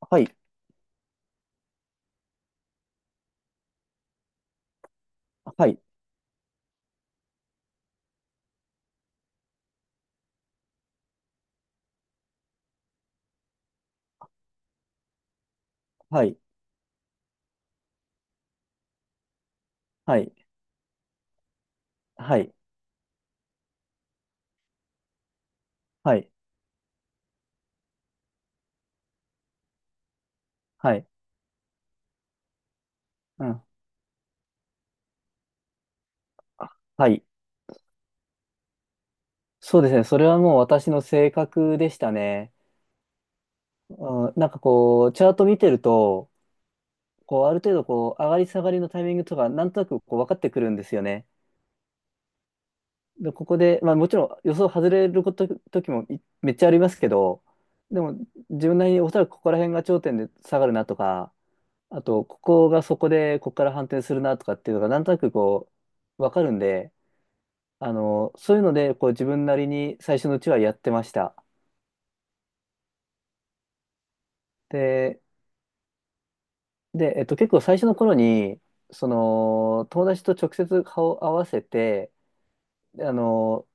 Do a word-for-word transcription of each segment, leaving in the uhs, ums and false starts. はい、はい、はい、はい、はい、はい、はい、うん。あはい。そうですね。それはもう私の性格でしたね。うん、なんかこう、チャート見てると、こう、ある程度こう、上がり下がりのタイミングとか、なんとなくこう、分かってくるんですよね。で、ここで、まあもちろん予想外れること、時もいめっちゃありますけど、でも自分なりにおそらくここら辺が頂点で下がるなとか、あと、ここがそこで、ここから反転するなとかっていうのが、なんとなくこう、分かるんで、あの、そういうので、こう自分なりに最初のうちはやってました。で、で、えっと、結構最初の頃に、その、友達と直接顔を合わせて、であの、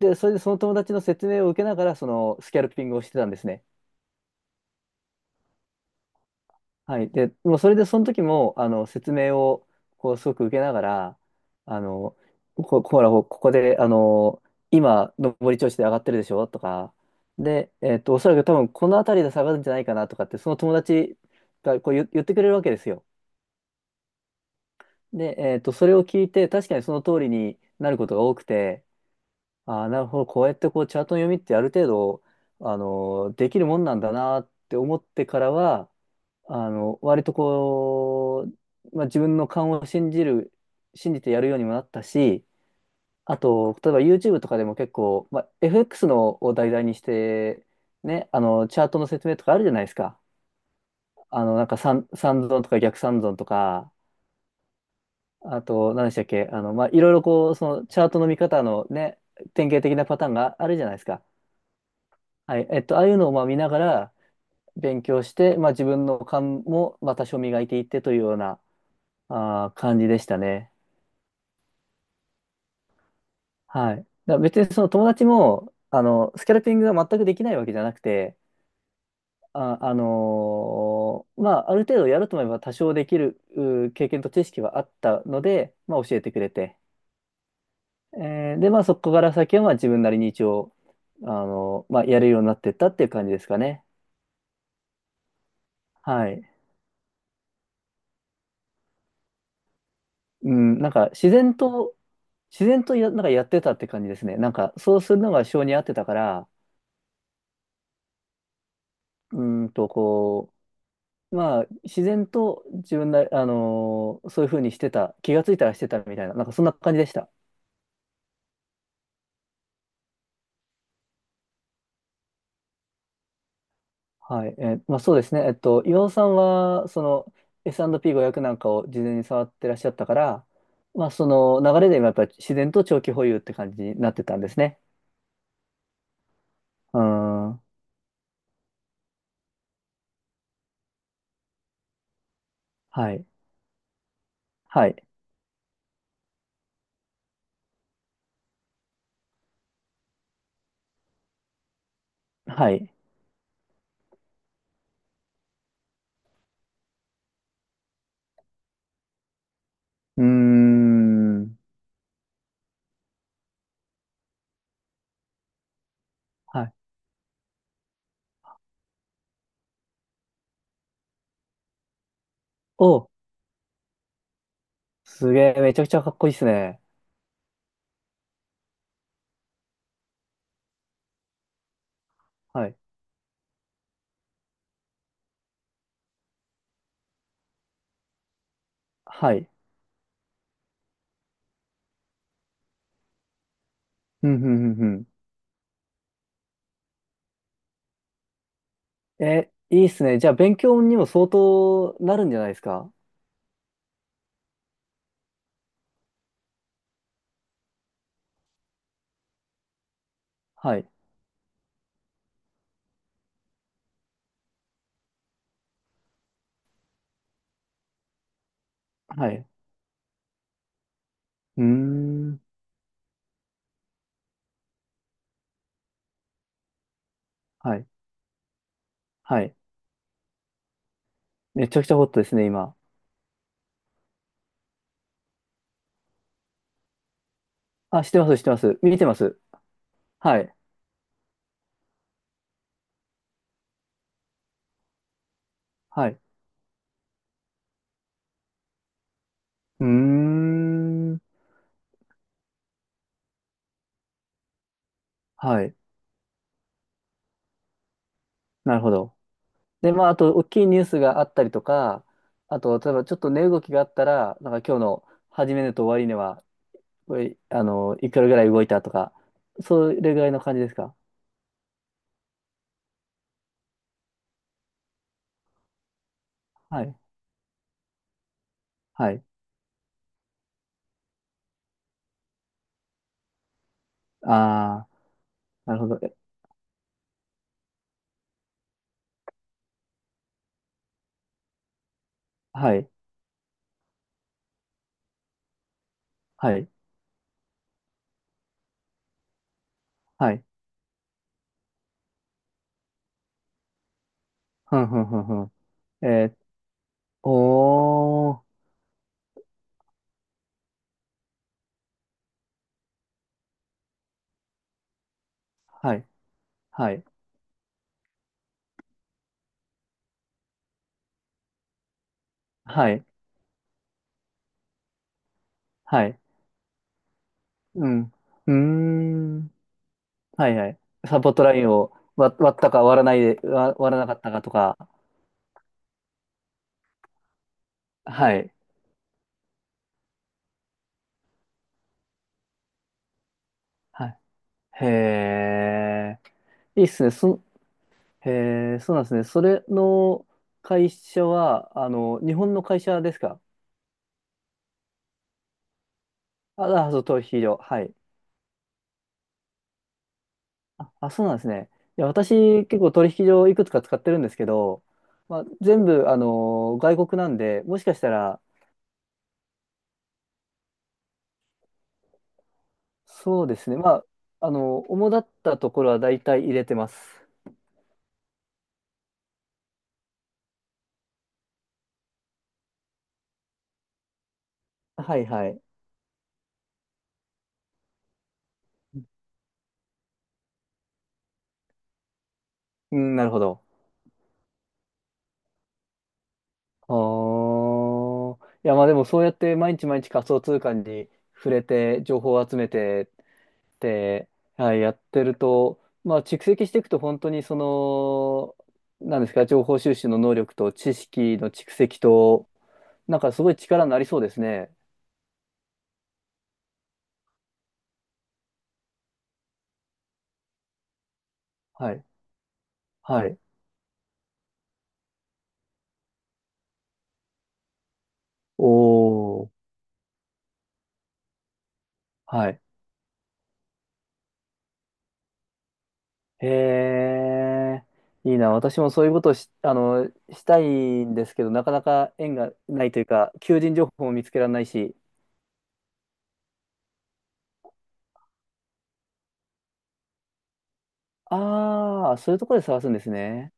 で、それでその友達の説明を受けながら、その、スキャルピングをしてたんですね。はい。で、もうそれでその時も、あの、説明を、こう、すごく受けながら、あの、こ、ほら、ここで、あの、今、上り調子で上がってるでしょとか、で、えっと、おそらく多分、この辺りで下がるんじゃないかなとかって、その友達がこう言、言ってくれるわけですよ。で、えっと、それを聞いて、確かにその通りになることが多くて、ああ、なるほど。こうやってこうチャートの読みってある程度、あの、できるもんなんだなって思ってからは、あの、割とこう、まあ、自分の勘を信じる、信じてやるようにもなったし、あと、例えば ユーチューブ とかでも結構、まあ、エフエックス のを題材にして、ね、あの、チャートの説明とかあるじゃないですか。あの、なんか三、三損とか逆三損とか、あと、何でしたっけ、あの、まあ、いろいろこう、そのチャートの見方のね、典型的なパターンがあるじゃないですか。はい。えっと、ああいうのをまあ見ながら勉強して、まあ自分の勘もまあ多少磨いていってというような、あー感じでしたね。はい。だから別にその友達も、あの、スキャルピングが全くできないわけじゃなくて、あ、あのーまあある程度やると思えば多少できるうー経験と知識はあったので、まあ教えてくれて。えーで、まあそこから先はまあ自分なりに一応、あのーまあやるようになってったっていう感じですかね。はい。うん、なんか自然と、自然とや、なんかやってたって感じですね。なんか、そうするのが性に合ってたから、うーんと、こう、まあ、自然と自分な、あのーそういうふうにしてた、気がついたらしてたみたいな、なんかそんな感じでした。はい。えーまあそうですね。えっと、岩尾さんは、その、エスアンドピーごひゃく なんかを事前に触ってらっしゃったから、まあ、その流れで今やっぱり自然と長期保有って感じになってたんですね。うーん。はい。はい。はい。うーん。はい。おすげえ、めちゃくちゃかっこいいっすね。はい。はい。うん、うん、うん、うん。え、いいっすね。じゃあ、勉強にも相当なるんじゃないですか？はい。はい。うーん。はい。はい。めちゃくちゃホットですね、今。あ、知ってます、知ってます。見てます。はい。はい。うーん。はい。なるほど。で、まあ、あと、大きいニュースがあったりとか、あと、例えば、ちょっと値動きがあったら、なんか今日の始め値と終値は、これあの、いくらぐらい動いたとか、それぐらいの感じですか？はい。はい。ああ、なるほど。え、はい。はい。はい。ふんふんふんふん。えー、おー。はい。はい。はい。はい。うん。うーん。はいはい。サポートラインを割、割ったか、割らないで、わ割らなかったかとか。はい。はい。へえ。いいっすね。そ、へえ、そうなんですね。それの会社は、あの、日本の会社ですか？あ、あ、そう、取引所。はい。あ、あそうなんですね。いや、私、結構取引所いくつか使ってるんですけど、まあ、全部、あの、外国なんで、もしかしたら、そうですね。まあ、あの、主だったところは大体入れてます。はいはい。うん、なるほど。ああ。いや、まあでもそうやって毎日毎日仮想通貨に触れて、情報を集めてって、はい、やってると、まあ蓄積していくと本当にその、なんですか、情報収集の能力と知識の蓄積と、なんかすごい力になりそうですね。はい。はい。おー。はい。へえ。いいな。私もそういうことをし、あの、したいんですけど、なかなか縁がないというか、求人情報も見つけられないし。ああ、そういうところで探すんですね。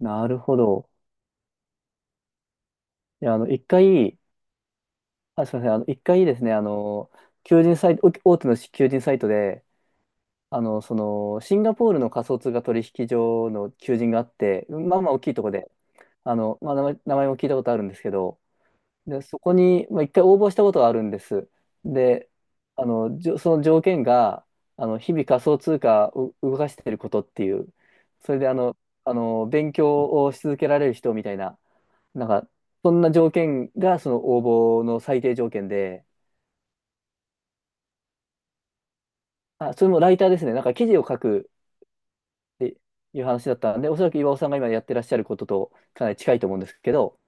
なるほど。いや、あの、一回、あ、すみません。あの、一回ですね、あの、求人サイト、大手の求人サイトで、あの、その、シンガポールの仮想通貨取引所の求人があって、まあまあ大きいとこで、あの、まあ、名前、名前も聞いたことあるんですけど、で、そこに、まあ、一回応募したことがあるんです。で、あの、じょ、その条件が、あの、日々仮想通貨を動かしていることっていう、それであの、あの、勉強をし続けられる人みたいな、なんか、そんな条件が、その応募の最低条件で、あ、それもライターですね。なんか記事を書くっていう話だったんで、おそらく岩尾さんが今やってらっしゃることとかなり近いと思うんですけど、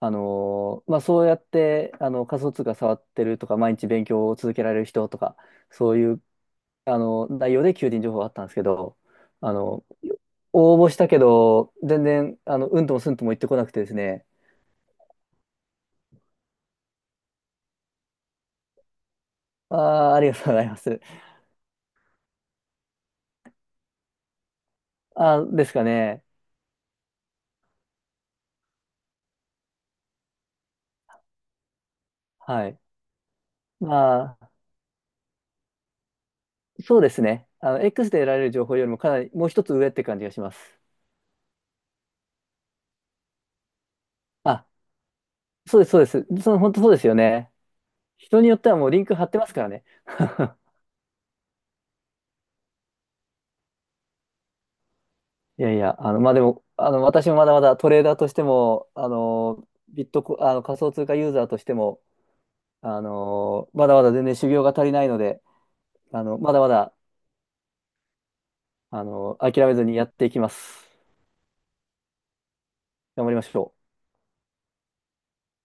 あのーまあ、そうやって、あの、仮想通貨触ってるとか、毎日勉強を続けられる人とか、そういう、あの、内容で求人情報があったんですけど、あの、応募したけど、全然、あの、うんともすんとも言ってこなくてですね、ああ、ありがとうございます。あー、ですかね。はい。まあ、そうですね。あの、X で得られる情報よりもかなり、もう一つ上って感じがします。あ、そうです、そうです。その、本当そうですよね。人によってはもうリンク貼ってますからね。いやいや、あの、まあ、でも、あの、私もまだまだトレーダーとしても、あの、ビットコ、あの、仮想通貨ユーザーとしても、あの、まだまだ全然修行が足りないので、あの、まだまだ、あの、諦めずにやっていきます。頑張りましょう。